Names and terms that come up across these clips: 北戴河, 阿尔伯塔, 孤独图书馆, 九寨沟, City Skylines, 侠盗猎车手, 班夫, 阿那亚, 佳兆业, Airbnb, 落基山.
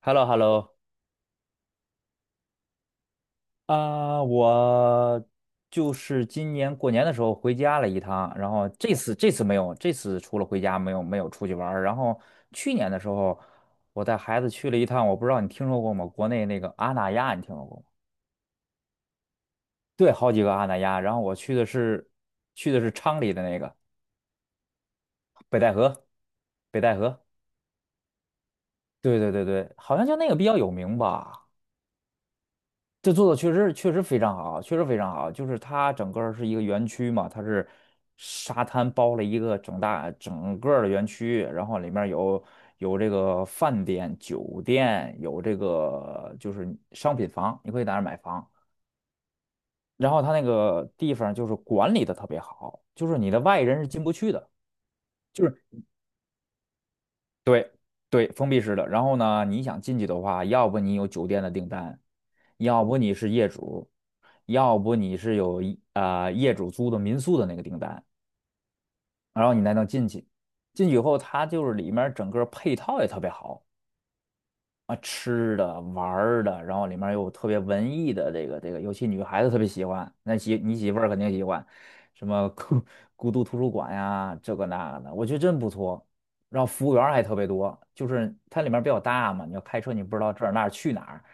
h e l l o h e l l o 啊，我今年过年的时候回家了一趟，然后这次没有，这次除了回家没有出去玩儿。然后去年的时候，我带孩子去了一趟，我不知道你听说过吗？国内那个阿那亚，你听说过吗？对，好几个阿那亚。然后我去的是去的是昌黎的那个北戴河，北戴河。对对对对好像就那个比较有名吧。这做的确实确实非常好，确实非常好。就是它整个儿是一个园区嘛，它是沙滩包了一个整个儿的园区，然后里面有这个饭店、酒店，有这个就是商品房，你可以在那儿买房。然后它那个地方就是管理的特别好，就是你的外人是进不去的。就是。对对封闭式的。然后呢，你想进去的话，要不你有酒店的订单，要不你是业主，要不你是有一啊、业主租的民宿的那个订单，然后你才能进去。进去以后，它就是里面整个配套也特别好，啊，吃的、玩儿的，然后里面有特别文艺的这个，尤其女孩子特别喜欢，那你媳妇儿肯定喜欢，什么孤独图书馆呀，这个那个的，我觉得真不错。然后服务员儿还特别多，就是它里面比较大嘛，你要开车你不知道这儿那儿去哪儿，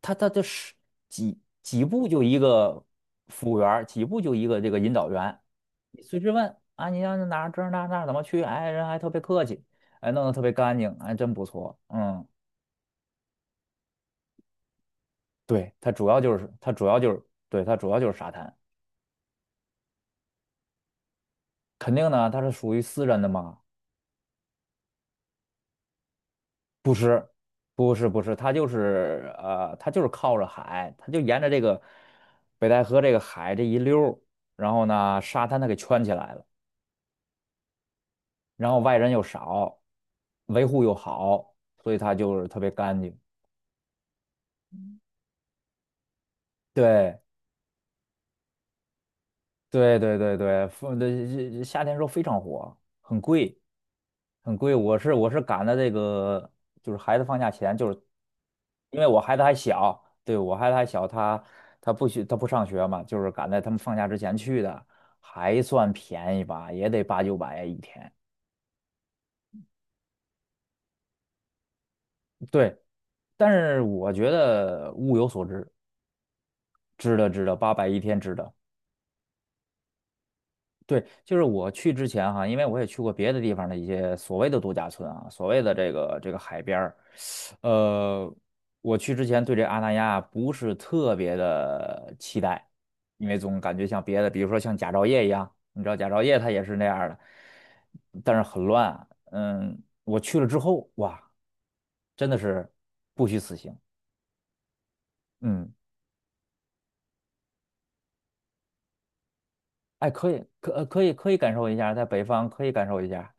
它就是几几步就一个服务员儿几步就一个这个引导员，你随时问啊，你要哪儿这儿那儿怎么去，哎，人还特别客气，哎，弄得特别干净，还真不错，嗯。对，它主要就是对它主要就是沙滩，肯定呢，它是属于私人的嘛，不是不是，它就是它就是靠着海，它就沿着这个北戴河这个海这一溜儿，然后呢，沙滩它给圈起来了，然后外人又少，维护又好，所以它就是特别干净。对对对对对，风的夏天时候非常火，很贵。很贵。我是赶在这个就是孩子放假前，就是因为我孩子还小，对，我孩子还小，他他不学他不上学嘛，就是赶在他们放假之前去的，还算便宜吧，也得8、900一天。对，但是我觉得物有所值，值得值得800一天值得。对，就是我去之前哈，因为我也去过别的地方的一些所谓的度假村啊，所谓的这个这个海边儿，呃，我去之前对这阿那亚不是特别的期待，因为总感觉像别的，比如说像佳兆业一样，你知道佳兆业它也是那样儿的，但是很乱。嗯，我去了之后，哇，真的是不虚此行。嗯。哎，可以，可以感受一下，在北方可以感受一下，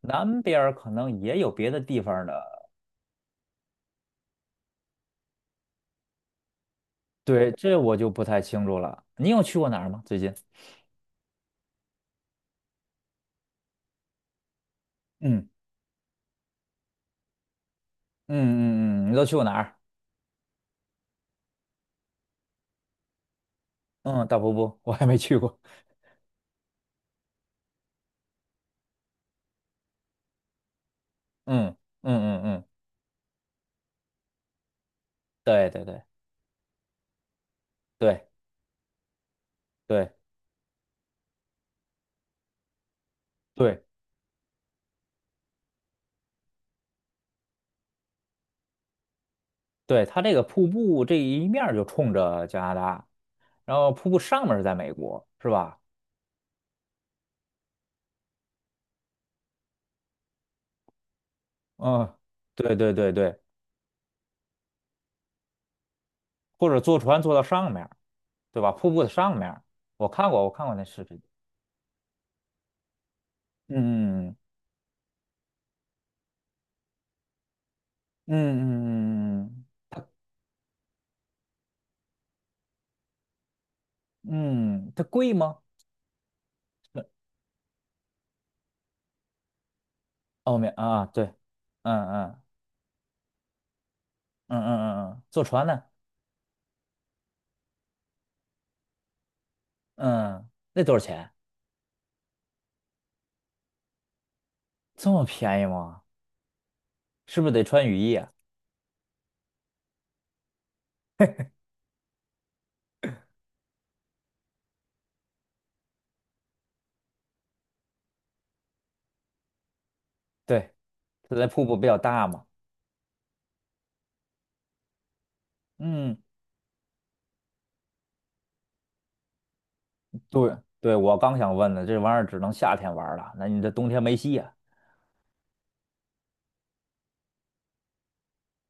南边儿可能也有别的地方的，对，这我就不太清楚了。你有去过哪儿吗？最近？嗯嗯嗯嗯你都去过哪儿？嗯，大瀑布我还没去过。嗯嗯嗯嗯，对对对对对对对，它这个瀑布这一面儿就冲着加拿大，然后瀑布上面儿是在美国，是吧？嗯，对对对对，或者坐船坐到上面儿对吧？瀑布的上面儿我看过，我看过那视频。嗯嗯嗯嗯它嗯，它贵吗？是，欧美啊，对，嗯嗯嗯嗯嗯嗯坐船呢？嗯，那多少钱？这么便宜吗？是不是得穿雨衣啊？对，它那瀑布比较大嘛。嗯，对对，我刚想问呢，这玩意儿只能夏天玩儿了，那你这冬天没戏呀？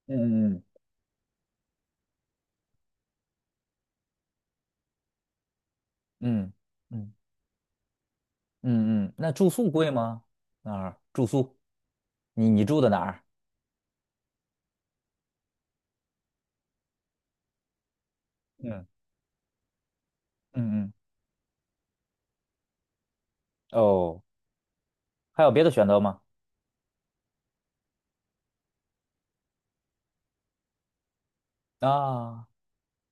嗯嗯嗯嗯嗯嗯，那住宿贵吗？那儿住宿，你你住的哪儿？嗯。嗯嗯，哦，还有别的选择吗？啊，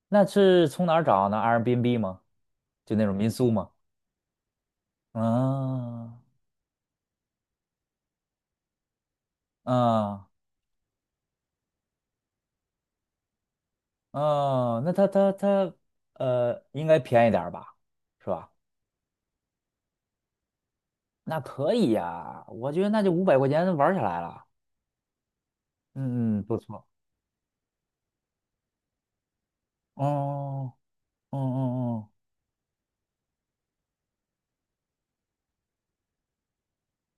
那是从哪儿找呢？Airbnb 吗？就那种民宿吗？啊啊啊那它它它应该便宜点儿吧，是吧？那可以呀，我觉得那就500块钱玩儿下来了。嗯嗯，不错。哦，哦哦，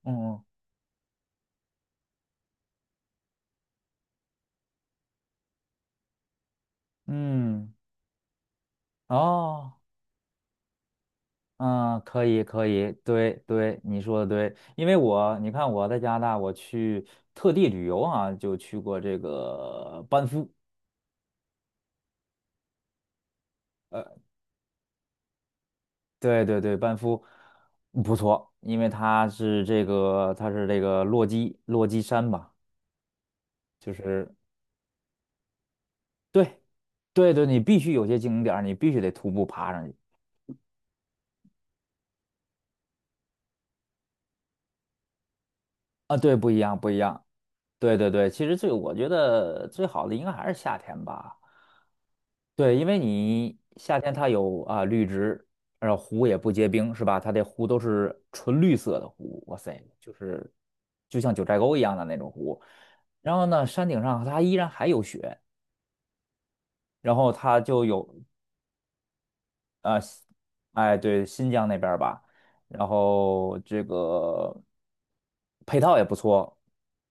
嗯嗯嗯嗯，哦，嗯，可以，可以，对对，你说的对，因为你看我在加拿大，我去特地旅游啊，就去过这个班夫，呃，对对对，班夫不错，因为它是这个落基山吧，就是对对对，你必须有些景点儿你必须得徒步爬上去。对对对，其实我觉得最好的应该还是夏天吧。对，因为你夏天它有啊绿植，然后湖也不结冰，是吧？它的湖都是纯绿色的湖，哇塞，就是就像九寨沟一样的那种湖。然后呢，山顶上它依然还有雪，然后它就有啊、哎，对，新疆那边儿吧，然后这个配套也不错。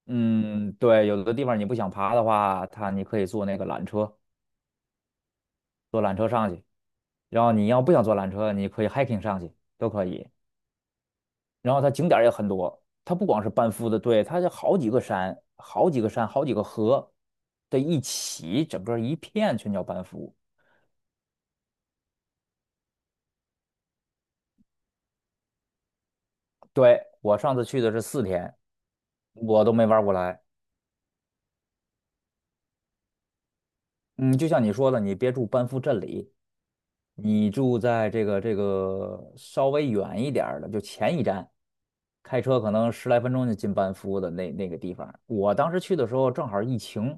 嗯，对，有的地方你不想爬的话，它你可以坐那个缆车，坐缆车上去。然后你要不想坐缆车，你可以 hiking 上去，都可以。然后它景点儿也很多，它不光是班夫的，对，它就好几个山、好几个河的一起，整个一片全叫班夫。对，我上次去的是4天，我都没玩过来。嗯，就像你说的，你别住班夫镇里，你住在这个稍微远一点儿的，就前一站，开车可能十来分钟就进班夫的那个地方。我当时去的时候正好疫情，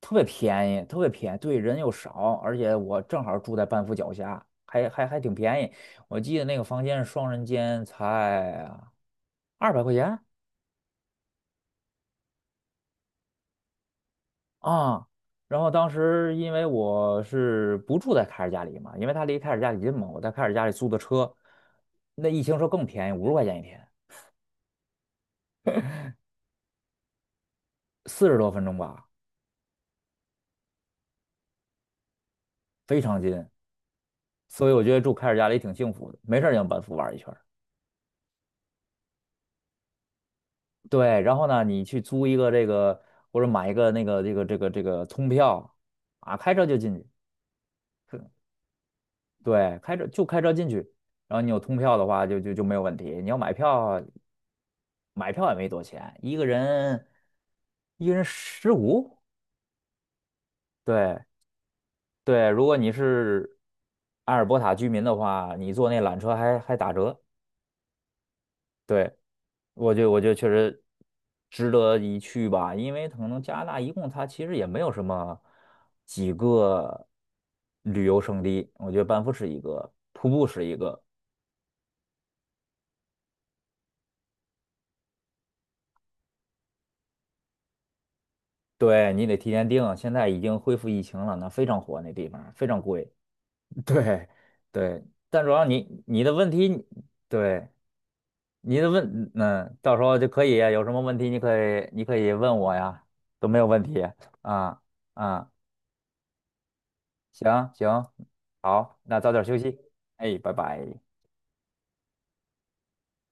特别便宜，特别便宜，对，人又少，而且我正好住在半夫脚下，还挺便宜。我记得那个房间是双人间，才200块钱啊。然后当时因为我是不住在凯尔家里嘛，因为他离凯尔家里近嘛，我在凯尔家里租的车，那一停车更便宜，50块钱一天，40多分钟吧，非常近。所以我觉得住凯尔家里挺幸福的，没事儿就往班夫玩一圈。对，然后呢，你去租一个这个或者买一个那个这个通票，啊，开车就进去。对，开车进去，然后你有通票的话就没有问题。你要买票，买票也没多钱，一个人15。对对，如果你是阿尔伯塔居民的话，你坐那缆车还打折。对，我觉得确实值得一去吧，因为可能加拿大一共它其实也没有什么几个旅游胜地，我觉得班夫是一个，瀑布是一个，对，你得提前订，现在已经恢复疫情了，那非常火那地方，非常贵，对对，但主要你的问题，对，你的问，嗯，到时候就可以啊有什么问题你可以问我呀，都没有问题啊啊。行行，好，那早点休息，哎，拜拜。